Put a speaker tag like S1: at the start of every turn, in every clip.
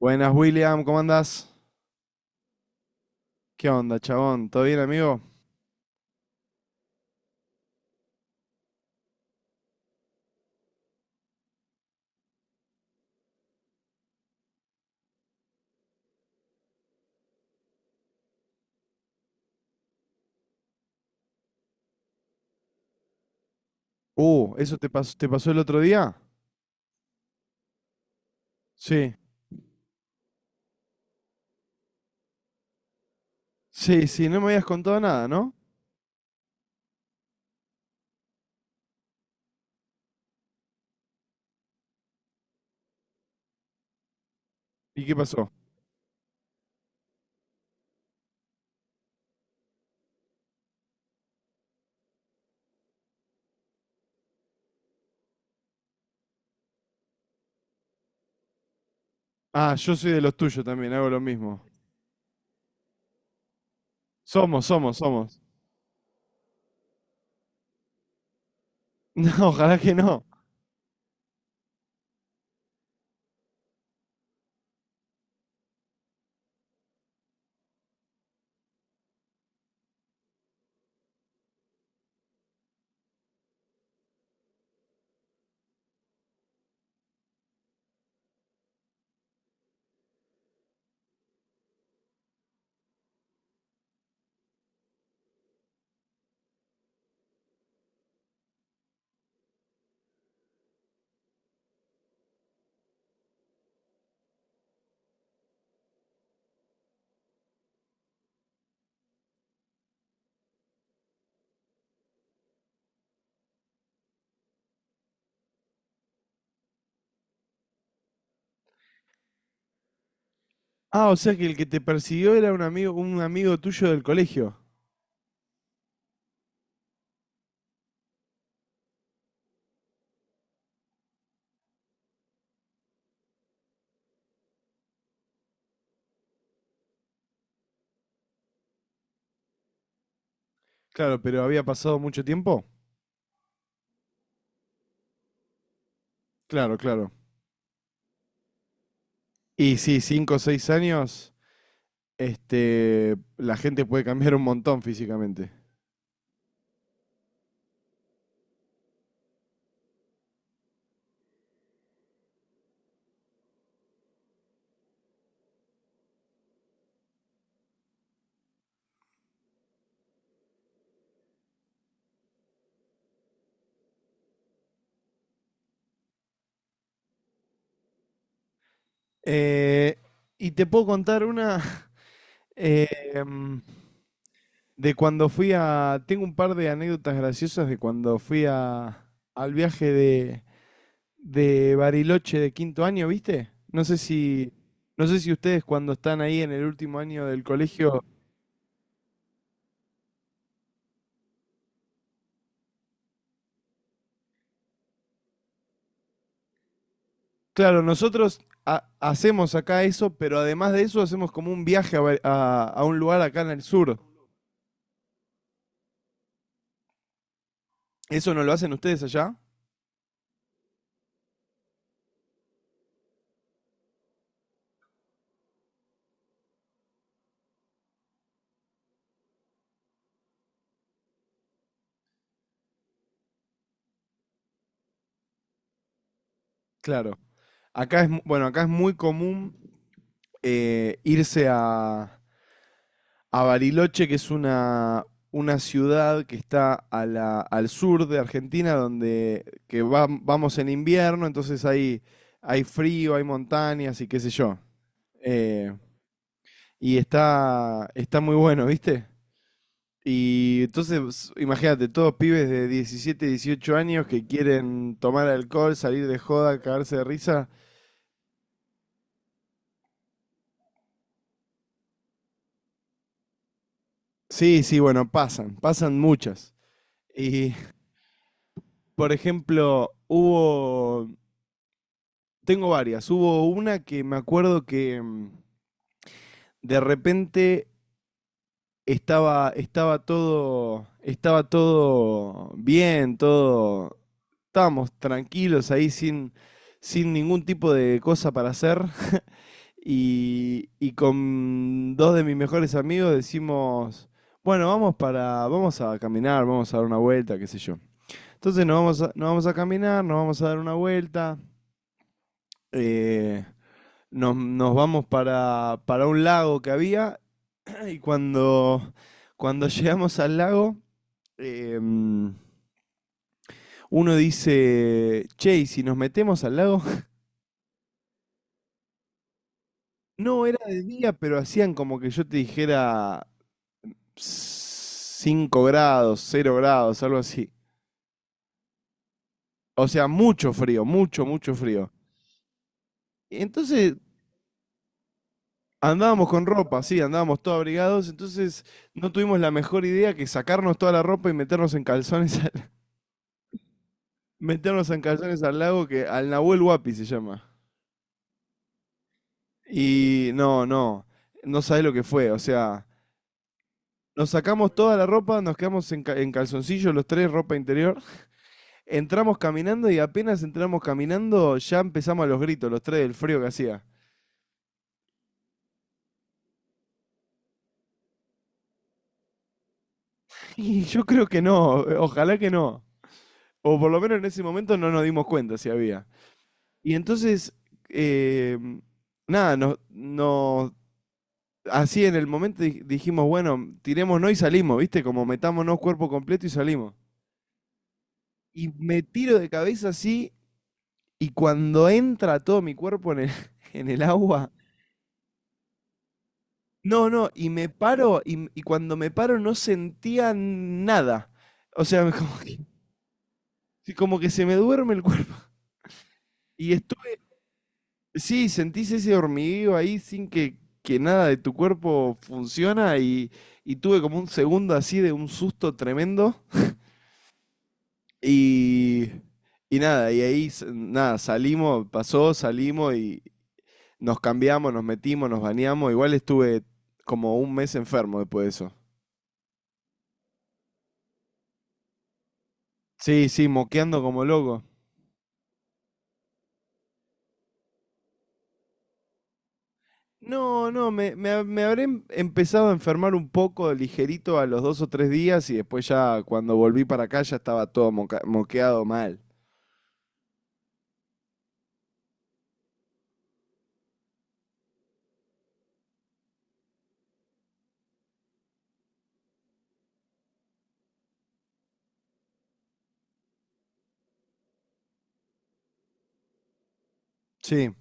S1: Buenas, William, ¿cómo andás? ¿Qué onda, chabón? ¿Todo bien, amigo? ¿Eso te pasó el otro día? Sí. Sí, sí, no me habías contado nada, ¿no? ¿Y qué pasó? Ah, yo soy de los tuyos también, hago lo mismo. Somos, somos, somos. No, ojalá que no. Ah, o sea que el que te persiguió era un amigo tuyo del colegio. Claro, pero había pasado mucho tiempo. Claro, claro. Y sí, 5 o 6 años, este, la gente puede cambiar un montón físicamente. Eh, y te puedo contar una Eh, em, de cuando fui a... Tengo un par de anécdotas graciosas de cuando fui a, al viaje de, Bariloche de quinto año, ¿viste? No sé si ustedes cuando están ahí en el último año del colegio... Claro, nosotros hacemos acá eso, pero además de eso hacemos como un viaje a, un lugar acá en el sur. ¿Eso no lo hacen ustedes allá? Claro. Bueno, acá es muy común, irse a Bariloche, que es una ciudad que está al sur de Argentina, donde que vamos en invierno, entonces hay frío, hay montañas y qué sé yo. Eh, y está muy bueno, ¿viste? Y entonces, imagínate, todos pibes de 17, 18 años que quieren tomar alcohol, salir de joda, cagarse de risa. Sí, sí, bueno, pasan muchas. Y, por ejemplo, hubo tengo varias. Hubo una que me acuerdo que de repente estaba todo bien, todo. Estábamos tranquilos ahí sin ningún tipo de cosa para hacer. Y con dos de mis mejores amigos decimos, bueno, vamos a caminar, vamos a dar una vuelta, qué sé yo. Entonces nos vamos a caminar, nos vamos a dar una vuelta. eh, nos vamos para un lago que había y cuando llegamos al lago, eh, uno dice, che, ¿y si nos metemos al lago? No, era de día, pero hacían como que yo te dijera 5 grados, 0 grados, algo así. O sea, mucho frío, mucho, mucho frío. Y entonces andábamos con ropa, sí, andábamos todos abrigados, entonces no tuvimos la mejor idea que sacarnos toda la ropa y meternos en calzones meter unos zancazones al lago que al Nahuel Huapi se llama. Y no, no, no sabés lo que fue. O sea, nos sacamos toda la ropa, nos quedamos en calzoncillos los tres, ropa interior. Entramos caminando y apenas entramos caminando ya empezamos a los gritos, los tres del frío que hacía. Y yo creo que no, ojalá que no. O por lo menos en ese momento no nos dimos cuenta si había. Y entonces, eh, nada, nos así en el momento dijimos, bueno, tirémonos y salimos, ¿viste? Como metámonos cuerpo completo y salimos. Y me tiro de cabeza así y cuando entra todo mi cuerpo en el agua, no, no, y me paro y cuando me paro no sentía nada. O sea, como que, sí, como que se me duerme el cuerpo. Y estuve, sí, sentís ese hormigueo ahí sin que nada de tu cuerpo funciona y tuve como un segundo así de un susto tremendo. Y, y nada, y ahí nada, salimos, pasó, salimos y nos cambiamos, nos metimos, nos bañamos. Igual estuve como un mes enfermo después de eso. Sí, sí, moqueando como loco. No, no, me habré empezado a enfermar un poco ligerito a los 2 o 3 días y después ya cuando volví para acá ya estaba todo moqueado mal. Sí.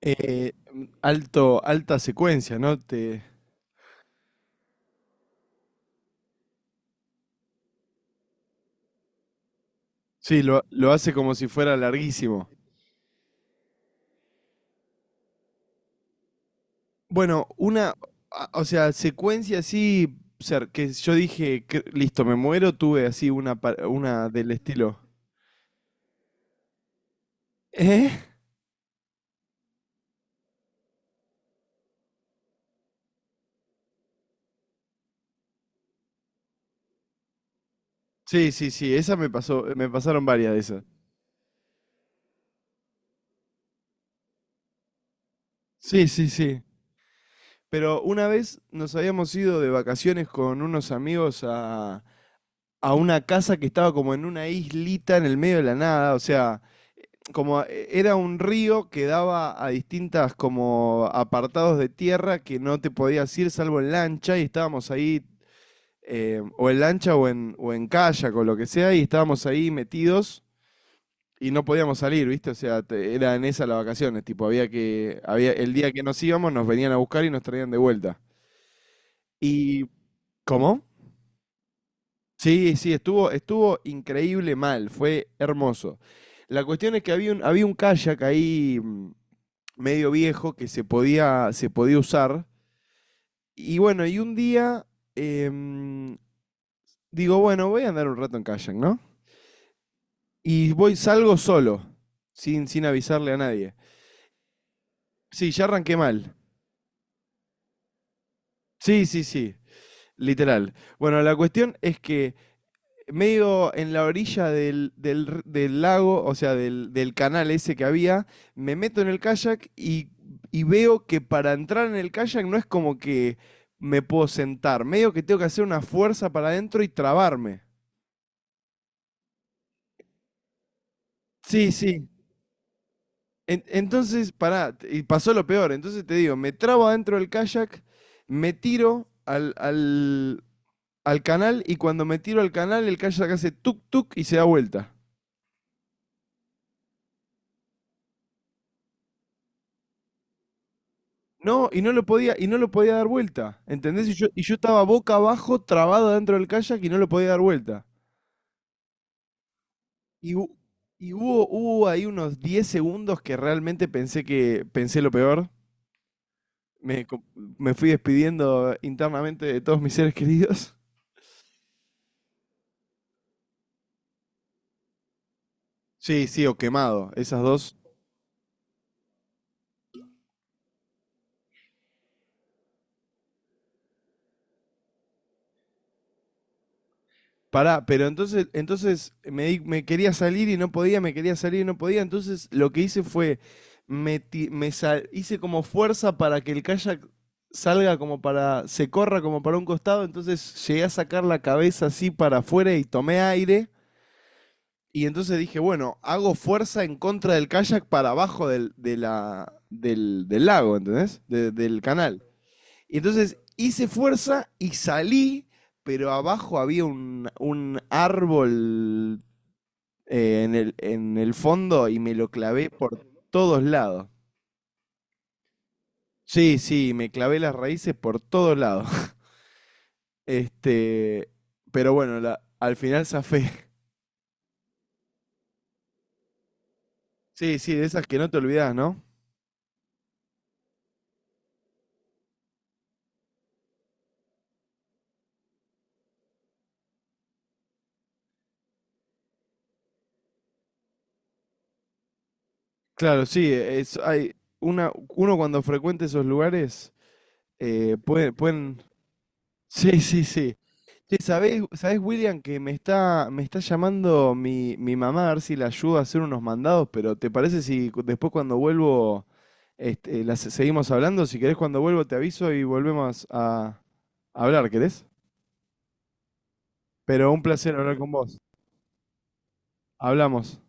S1: Alta secuencia, ¿no? Sí, lo hace como si fuera larguísimo. Bueno, o sea, secuencia así, o sea, que yo dije, Listo, me muero", tuve así una del estilo. ¿Eh? Sí, sí, sí, esa me pasó, me pasaron varias de esas. Sí, sí, sí. Pero una vez nos habíamos ido de vacaciones con unos amigos a, una casa que estaba como en una islita en el medio de la nada, o sea, como era un río que daba a distintas como apartados de tierra que no te podías ir salvo en lancha y estábamos ahí o en lancha o en kayak o lo que sea y estábamos ahí metidos y no podíamos salir, ¿viste? O sea, era en esas las vacaciones, tipo, había, el día que nos íbamos nos venían a buscar y nos traían de vuelta. Y, ¿cómo? Sí, sí, estuvo, increíble mal, fue hermoso. La cuestión es que había un kayak ahí medio viejo que se podía usar. Y bueno, y un día, em, digo, bueno, voy a andar un rato en kayak, ¿no? Salgo solo, sin avisarle a nadie. Sí, ya arranqué mal. Sí, sí, sí, literal. Bueno, la cuestión es que medio en la orilla del lago, o sea, del canal ese que había, me meto en el kayak y veo que para entrar en el kayak no es como que me puedo sentar, medio que tengo que hacer una fuerza para adentro y trabarme. Sí, sí. Entonces, pará, y pasó lo peor, entonces te digo, me trabo adentro del kayak, me tiro al canal y cuando me tiro al canal el kayak hace tuk tuk y se da vuelta. No, y no lo podía dar vuelta, ¿entendés? Y yo estaba boca abajo, trabado dentro del kayak y no lo podía dar vuelta. Y, hu- y hubo ahí unos 10 segundos que realmente pensé lo peor. Me fui despidiendo internamente de todos mis seres queridos. Sí, sí, o quemado. Esas dos. Pará, pero entonces me quería salir y no podía, me quería salir y no podía. Entonces lo que hice fue, me, ti- me sal- hice como fuerza para que el kayak salga se corra como para un costado. Entonces llegué a sacar la cabeza así para afuera y tomé aire. Y entonces dije, bueno, hago fuerza en contra del kayak para abajo del lago, ¿entendés? Del canal. Y entonces hice fuerza y salí, pero abajo había un árbol, en el fondo y me lo clavé por todos lados. Sí, sí, me clavé las raíces por todos lados. Este, pero bueno, al final zafé. Sí, sí, de esas que no te olvidas, ¿no? Claro, sí, uno cuando frecuenta esos lugares, pueden, sí, sí, sí. Che, ¿sabés, William, que me está llamando mi mamá a ver si le ayudo a hacer unos mandados, pero ¿te parece si después cuando vuelvo, este, las seguimos hablando? Si querés cuando vuelvo te aviso y volvemos a hablar, ¿querés? Pero un placer hablar con vos. Hablamos.